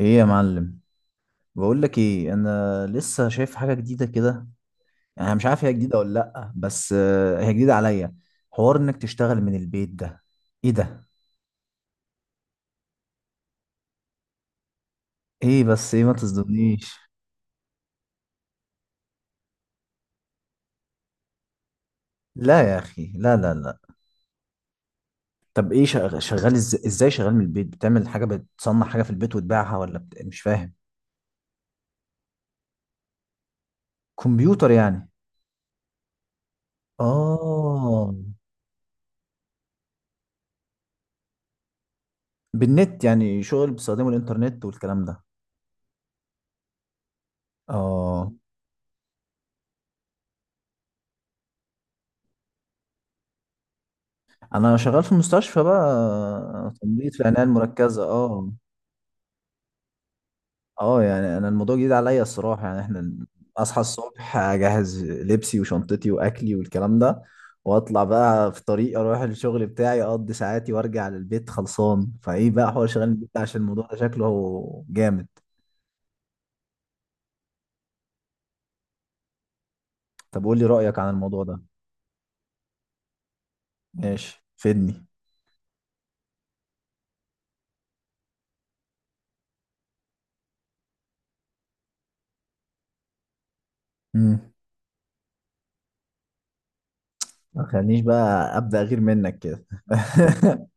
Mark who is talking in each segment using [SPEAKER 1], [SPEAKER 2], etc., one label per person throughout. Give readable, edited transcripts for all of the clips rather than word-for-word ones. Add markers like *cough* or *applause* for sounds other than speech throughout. [SPEAKER 1] ايه يا معلم؟ بقول لك ايه، انا لسه شايف حاجه جديده كده. انا مش عارف هي جديده ولا لا، بس هي جديده عليا. حوار انك تشتغل من البيت ده. ايه ده؟ ايه بس؟ ايه ما تصدمنيش؟ لا يا اخي، لا لا لا. طب ايه، شغال، ازاي شغال من البيت؟ بتعمل حاجه، بتصنع حاجه في البيت وتبيعها ولا مش فاهم. كمبيوتر يعني؟ اه. بالنت يعني، شغل بيستخدموا الانترنت والكلام ده. اه. انا شغال في المستشفى بقى، تمريض في العنايه المركزه. اه. اه، يعني انا الموضوع جديد عليا الصراحه. يعني احنا اصحى الصبح، اجهز لبسي وشنطتي واكلي والكلام ده، واطلع بقى في طريق، اروح الشغل بتاعي، اقضي ساعاتي وارجع للبيت خلصان. فايه بقى حوار شغال البيت ده؟ عشان الموضوع ده شكله جامد. طب قول لي رايك عن الموضوع ده. ماشي، فدني. امم. ما تخلينيش بقى ابدا غير منك كده. *laughs*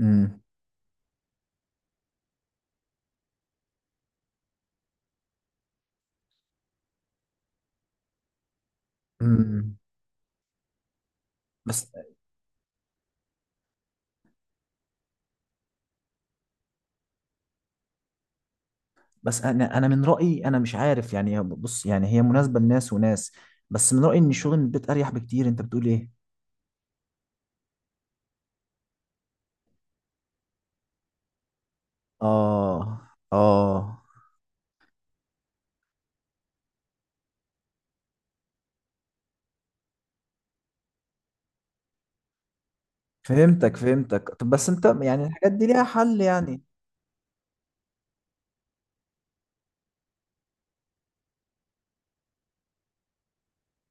[SPEAKER 1] امم. امم. بس. بس انا من رايي، انا مش عارف يعني، بص يعني هي مناسبه لناس وناس. بس من رايي ان الشغل من البيت اريح بكتير. انت بتقول ايه؟ اه اه، فهمتك فهمتك. طب بس انت يعني الحاجات دي ليها حل يعني؟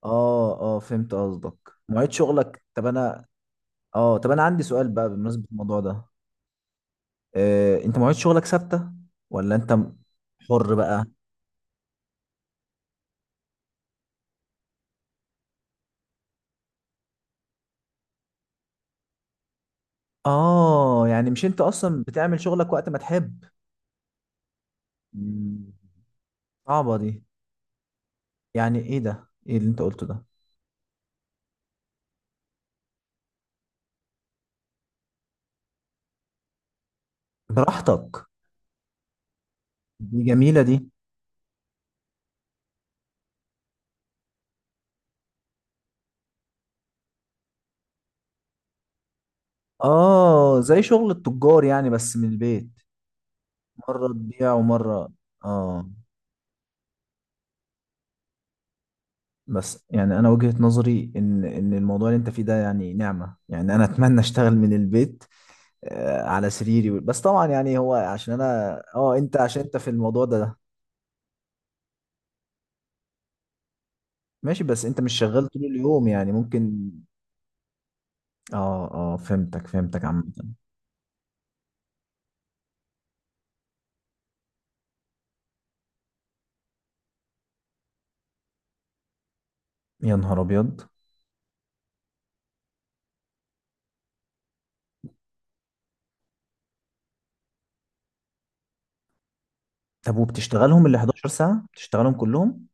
[SPEAKER 1] اه اه، فهمت قصدك. مواعيد شغلك، طب انا. اه، طب انا عندي سؤال بقى بمناسبة الموضوع ده. انت مواعيد شغلك ثابتة ولا انت حر بقى؟ اه، يعني مش انت اصلا بتعمل شغلك وقت ما تحب؟ مم. صعبة دي. يعني ايه ده؟ ايه اللي انت قلته ده؟ براحتك. دي جميلة دي. اه، زي شغل التجار يعني بس من البيت. مرة تبيع ومرة اه بس يعني انا وجهة نظري ان الموضوع اللي انت فيه ده يعني نعمة. يعني انا اتمنى اشتغل من البيت، على سريري بس. طبعا يعني هو عشان انا انت، عشان انت في الموضوع ده ده. ماشي، بس انت مش شغال طول اليوم يعني، ممكن. اه اه، فهمتك فهمتك عامة. يا نهار ابيض. طب وبتشتغلهم ال 11 ساعة بتشتغلهم كلهم؟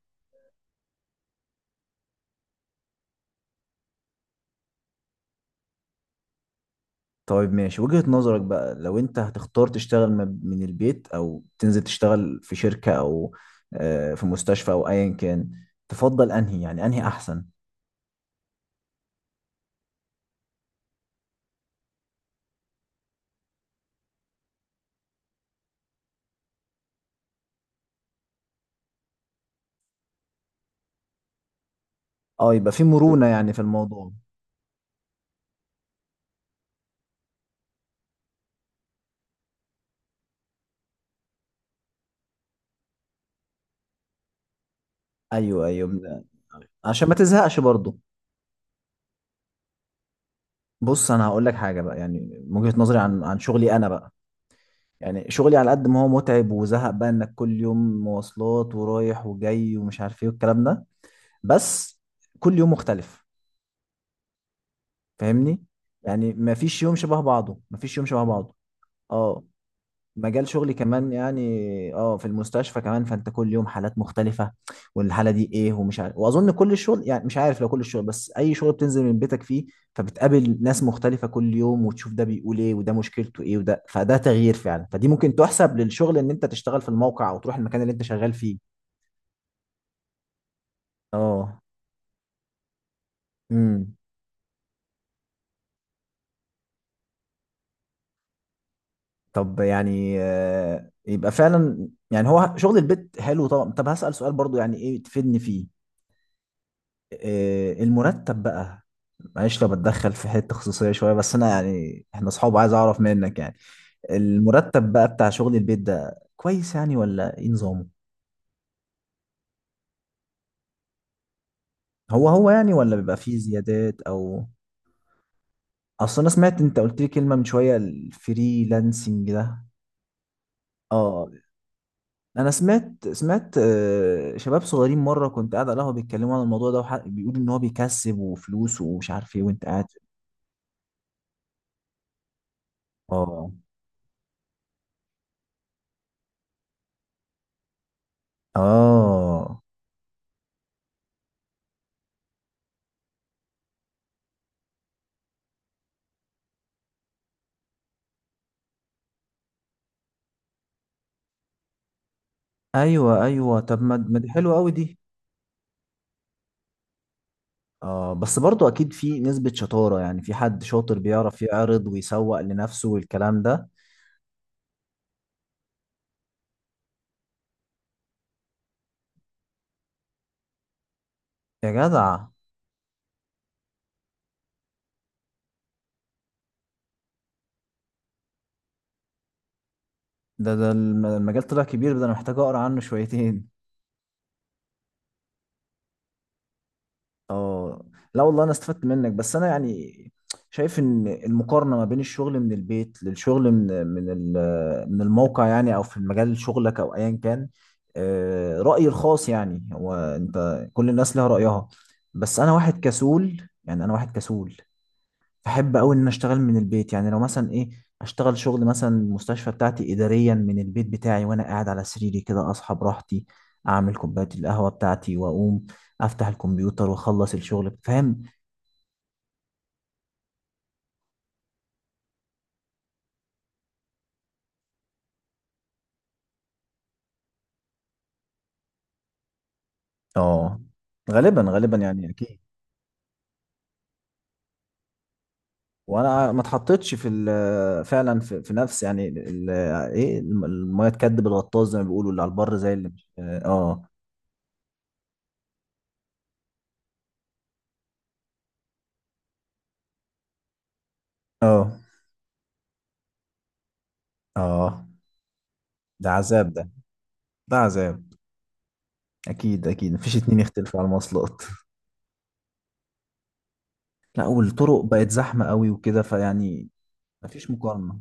[SPEAKER 1] طيب ماشي. وجهة نظرك بقى لو انت هتختار تشتغل من البيت او تنزل تشتغل في شركة او في مستشفى او ايا كان، تفضل انهي يعني، انهي احسن؟ اه، يبقى في مرونة يعني في الموضوع. ايوه ايوه، عشان ما تزهقش برضو. بص انا هقول لك حاجة بقى، يعني من وجهة نظري عن شغلي انا بقى. يعني شغلي على قد ما هو متعب وزهق بقى انك كل يوم مواصلات ورايح وجاي ومش عارف ايه والكلام ده، بس كل يوم مختلف، فاهمني؟ يعني ما فيش يوم شبه بعضه، ما فيش يوم شبه بعضه. اه. مجال شغلي كمان يعني. اه، في المستشفى كمان فانت كل يوم حالات مختلفة، والحالة دي ايه ومش عارف. واظن كل الشغل يعني، مش عارف، لو كل الشغل، بس اي شغل بتنزل من بيتك فيه، فبتقابل ناس مختلفة كل يوم، وتشوف ده بيقول ايه وده مشكلته ايه وده، فده تغيير فعلا. فدي ممكن تحسب للشغل ان انت تشتغل في الموقع او تروح المكان اللي انت شغال فيه. اه. امم. طب يعني يبقى فعلا يعني هو شغل البيت حلو طبعا. طب هسأل سؤال برضو يعني ايه تفيدني فيه. المرتب بقى. معلش لو بتدخل في حتة خصوصية شوية، بس انا يعني احنا اصحاب، عايز اعرف منك يعني. المرتب بقى بتاع شغل البيت ده كويس يعني ولا ايه نظامه؟ هو هو يعني، ولا بيبقى فيه زيادات او. اصل انا سمعت انت قلت لي كلمة من شوية، الفريلانسنج ده. اه. انا سمعت شباب صغيرين مره كنت قاعد على القهوه بيتكلموا عن الموضوع ده، بيقولوا ان هو بيكسب وفلوس ومش عارف ايه وانت قاعد. اه اه. ايوه ايوه. طب ما دي حلوه قوي دي. اه، بس برضو اكيد في نسبه شطاره، يعني في حد شاطر بيعرف يعرض ويسوق لنفسه والكلام ده. يا جدع. ده المجال طلع كبير ده، انا محتاج اقرا عنه شويتين. اه. لا والله، انا استفدت منك. بس انا يعني شايف ان المقارنه ما بين الشغل من البيت للشغل من الموقع يعني، او في مجال شغلك او ايا كان، رايي الخاص يعني. هو انت كل الناس لها رايها، بس انا واحد كسول، يعني انا واحد كسول. بحب قوي ان أنا اشتغل من البيت. يعني لو مثلا ايه، اشتغل شغل مثلا المستشفى بتاعتي اداريا من البيت بتاعي، وانا قاعد على سريري كده اصحى براحتي، اعمل كوبايه القهوه بتاعتي واقوم افتح الكمبيوتر واخلص الشغل، فاهم؟ اه. غالبا غالبا يعني اكيد. وانا ما اتحطيتش في فعلا، في نفس يعني ايه الميه تكدب الغطاس زي ما بيقولوا. اللي على البر زي اللي مش اه آه. ده عذاب ده. ده عذاب. اكيد اكيد، مفيش اتنين يختلفوا على المواصلات. لا، والطرق بقت زحمة قوي وكده، فيعني مفيش مقارنة.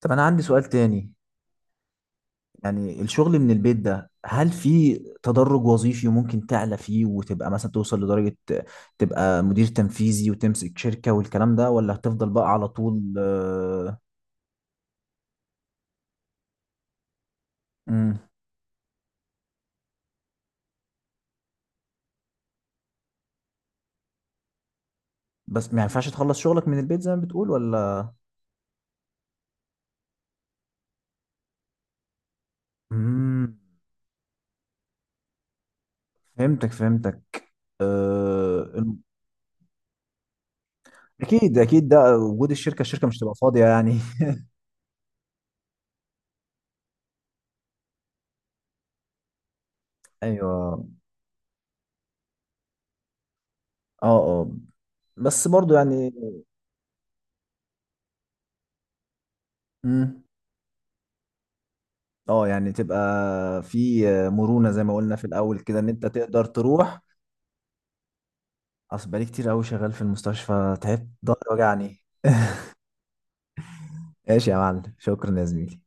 [SPEAKER 1] طب أنا عندي سؤال تاني. يعني الشغل من البيت ده، هل في تدرج وظيفي ممكن تعلى فيه وتبقى مثلا توصل لدرجة تبقى مدير تنفيذي وتمسك شركة والكلام ده، ولا هتفضل بقى على طول مم. بس ما ينفعش تخلص شغلك من البيت زي ما بتقول ولا؟ مم. فهمتك فهمتك. آه، الم- اكيد اكيد، ده وجود الشركه، الشركه مش تبقى فاضيه يعني. *laughs* ايوه. اه اه، بس برضو يعني. امم. اه، يعني تبقى في مرونة زي ما قلنا في الأول كده، إن أنت تقدر تروح. أصل بقالي كتير أوي شغال في المستشفى، تعبت ضهري وجعني. *laughs* ماشي يا معلم، شكرا يا زميلي.